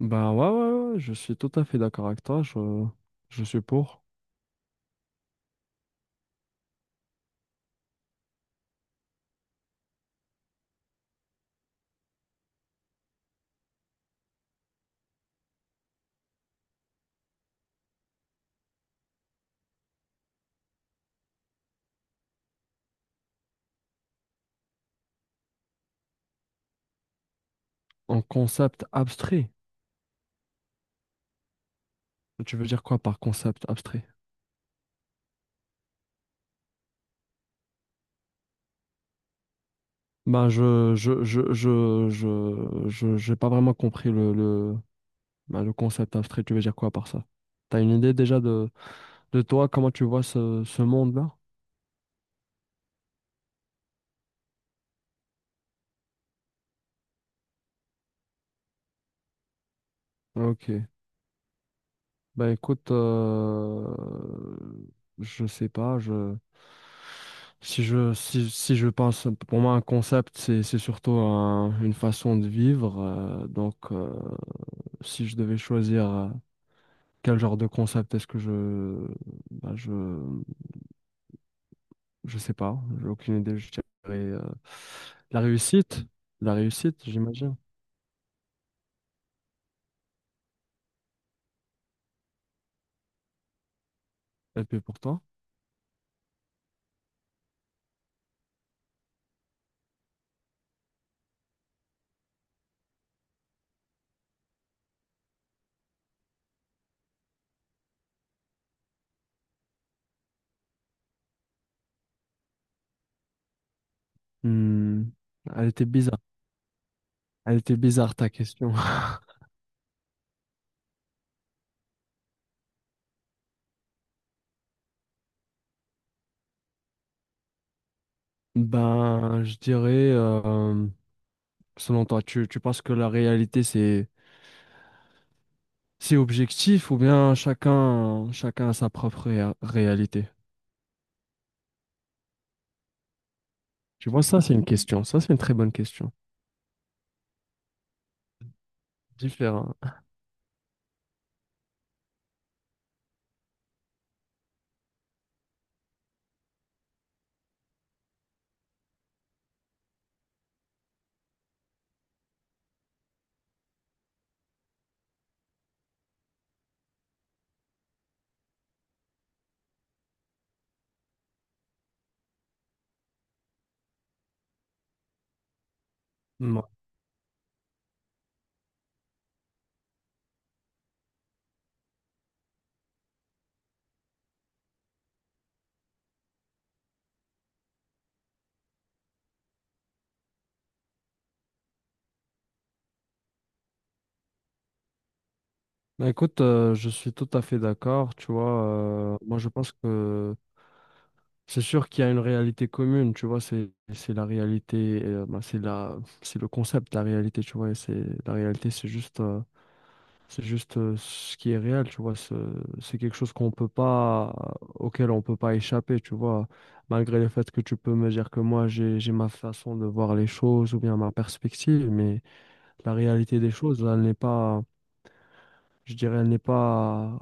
Ben ouais, ouais, ouais, je suis tout à fait d'accord avec toi. Je suis pour. En concept abstrait. Tu veux dire quoi par concept abstrait? Ben, j'ai pas vraiment compris le, ben, le concept abstrait. Tu veux dire quoi par ça? T'as une idée déjà de toi comment tu vois ce monde-là? Ok. Bah écoute, je sais pas, je si je pense pour moi un concept c'est surtout une façon de vivre donc si je devais choisir quel genre de concept est-ce que je bah, je sais pas, j'ai aucune idée, je dirais, euh, la réussite, la réussite, j'imagine. Et puis pour toi? Hmm, elle était bizarre. Elle était bizarre ta question. Ben, je dirais, selon toi, tu penses que la réalité, c'est objectif ou bien chacun, chacun a sa propre réalité? Tu vois, ça, c'est une question. Ça, c'est une très bonne question. Différent. Ouais. Ben, écoute, je suis tout à fait d'accord. Tu vois, moi, je pense que c'est sûr qu'il y a une réalité commune, tu vois, c'est la réalité, ben, c'est la, c'est le concept, la réalité, tu vois, et c'est la réalité, c'est juste ce qui est réel, tu vois, c'est quelque chose qu'on peut pas, auquel on peut pas échapper, tu vois, malgré le fait que tu peux me dire que moi j'ai ma façon de voir les choses ou bien ma perspective, mais la réalité des choses, elle n'est pas, je dirais,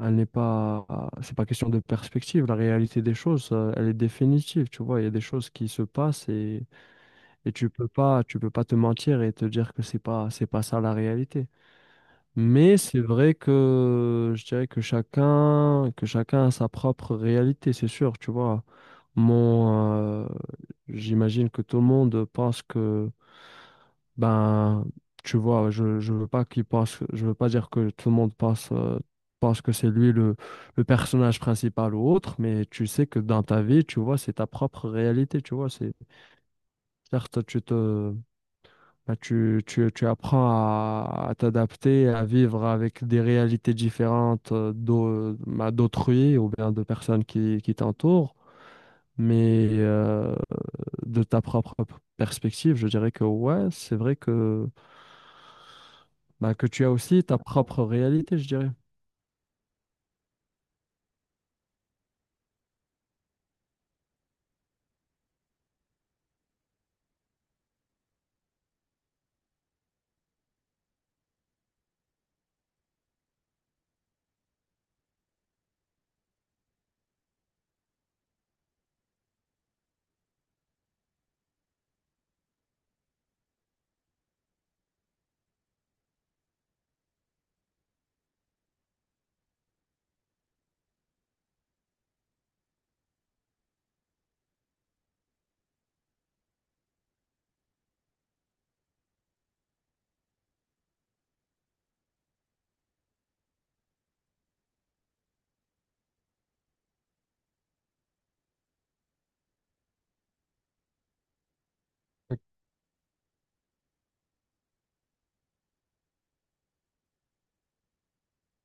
elle n'est pas, c'est pas question de perspective. La réalité des choses, elle est définitive, tu vois. Il y a des choses qui se passent et tu peux pas te mentir et te dire que c'est pas ça la réalité. Mais c'est vrai que je dirais que chacun a sa propre réalité, c'est sûr, tu vois. Mon, j'imagine que tout le monde pense que ben, tu vois, je veux pas qu'il pense, je veux pas dire que tout le monde pense, pense que c'est lui le personnage principal ou autre, mais tu sais que dans ta vie, tu vois, c'est ta propre réalité, tu vois, c'est, certes, ben, tu apprends à t'adapter, à vivre avec des réalités différentes ben, d'autrui ou bien de personnes qui t'entourent, mais de ta propre perspective, je dirais que ouais, c'est vrai que bah, que tu as aussi ta propre réalité, je dirais.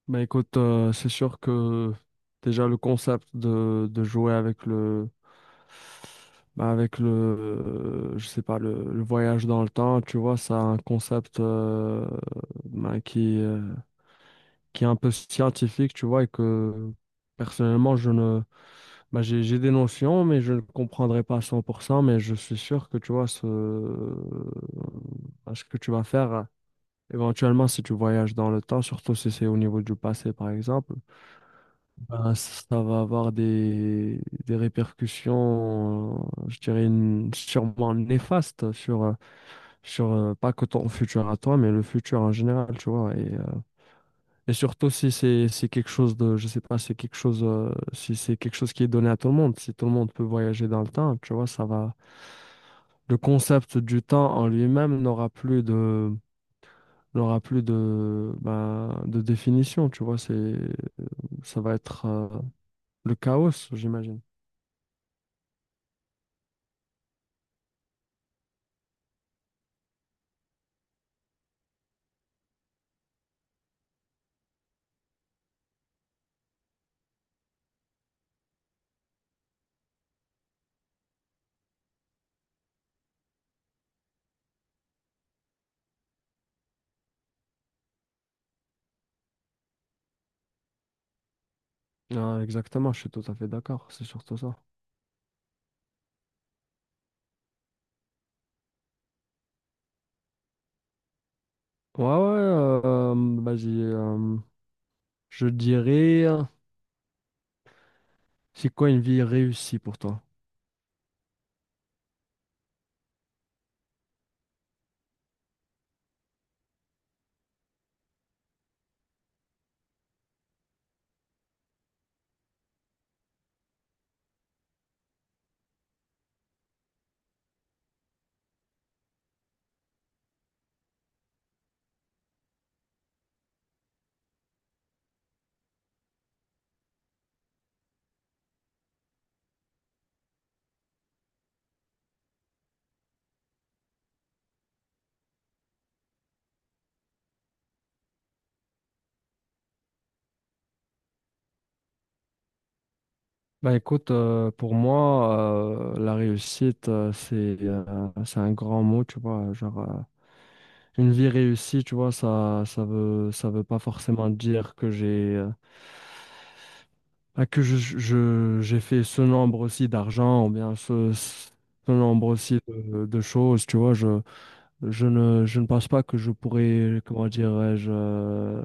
Bah écoute, c'est sûr que déjà le concept de jouer avec le bah, avec le je sais pas le, le voyage dans le temps, tu vois, ça a un concept bah, qui est un peu scientifique, tu vois, et que personnellement je ne bah, j'ai des notions, mais je ne comprendrai pas à 100%, mais je suis sûr que tu vois ce bah, ce que tu vas faire. Éventuellement, si tu voyages dans le temps, surtout si c'est au niveau du passé, par exemple, ben, ça va avoir des répercussions, je dirais, sûrement néfastes sur, sur pas que ton futur à toi, mais le futur en général, tu vois. Et surtout si c'est quelque chose de, je sais pas, c'est quelque chose, si c'est quelque chose qui est donné à tout le monde, si tout le monde peut voyager dans le temps, tu vois, ça va. Le concept du temps en lui-même n'aura plus de, il aura plus de, ben, de définition, tu vois, c'est, ça va être le chaos, j'imagine. Ah, exactement, je suis tout à fait d'accord, c'est surtout ça. Ouais, ouais, vas-y, je dirais, c'est quoi une vie réussie pour toi? Bah écoute, pour moi, la réussite, c'est un grand mot, tu vois. Genre, une vie réussie, tu vois, ça veut pas forcément dire que j'ai ah, que j'ai fait ce nombre aussi d'argent, ou bien ce, ce nombre aussi de choses, tu vois, je, je ne pense pas que je pourrais, comment dirais-je,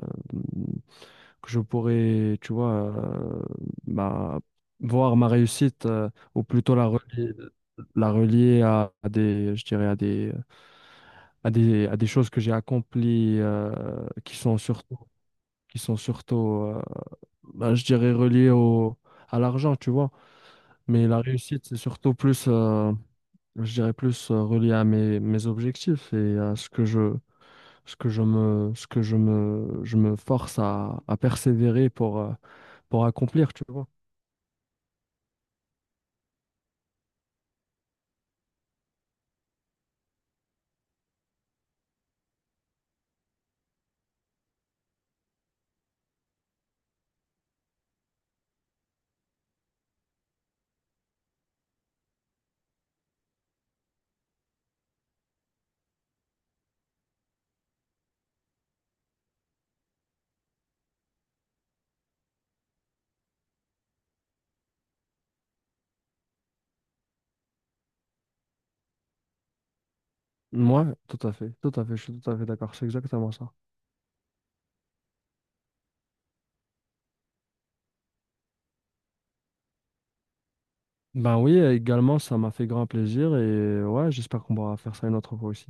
que je pourrais, tu vois, bah, voir ma réussite, ou plutôt la relier à des, je dirais, à des, à des, à des choses que j'ai accomplies, qui sont surtout, qui sont surtout, euh, bah, je dirais, reliées au, à l'argent, tu vois. Mais la réussite, c'est surtout plus, je dirais plus relié à mes, mes objectifs et à ce que je, ce que je me force à persévérer pour accomplir, tu vois. Moi, tout à fait, je suis tout à fait d'accord, c'est exactement ça. Ben oui, également, ça m'a fait grand plaisir et ouais, j'espère qu'on pourra faire ça une autre fois aussi.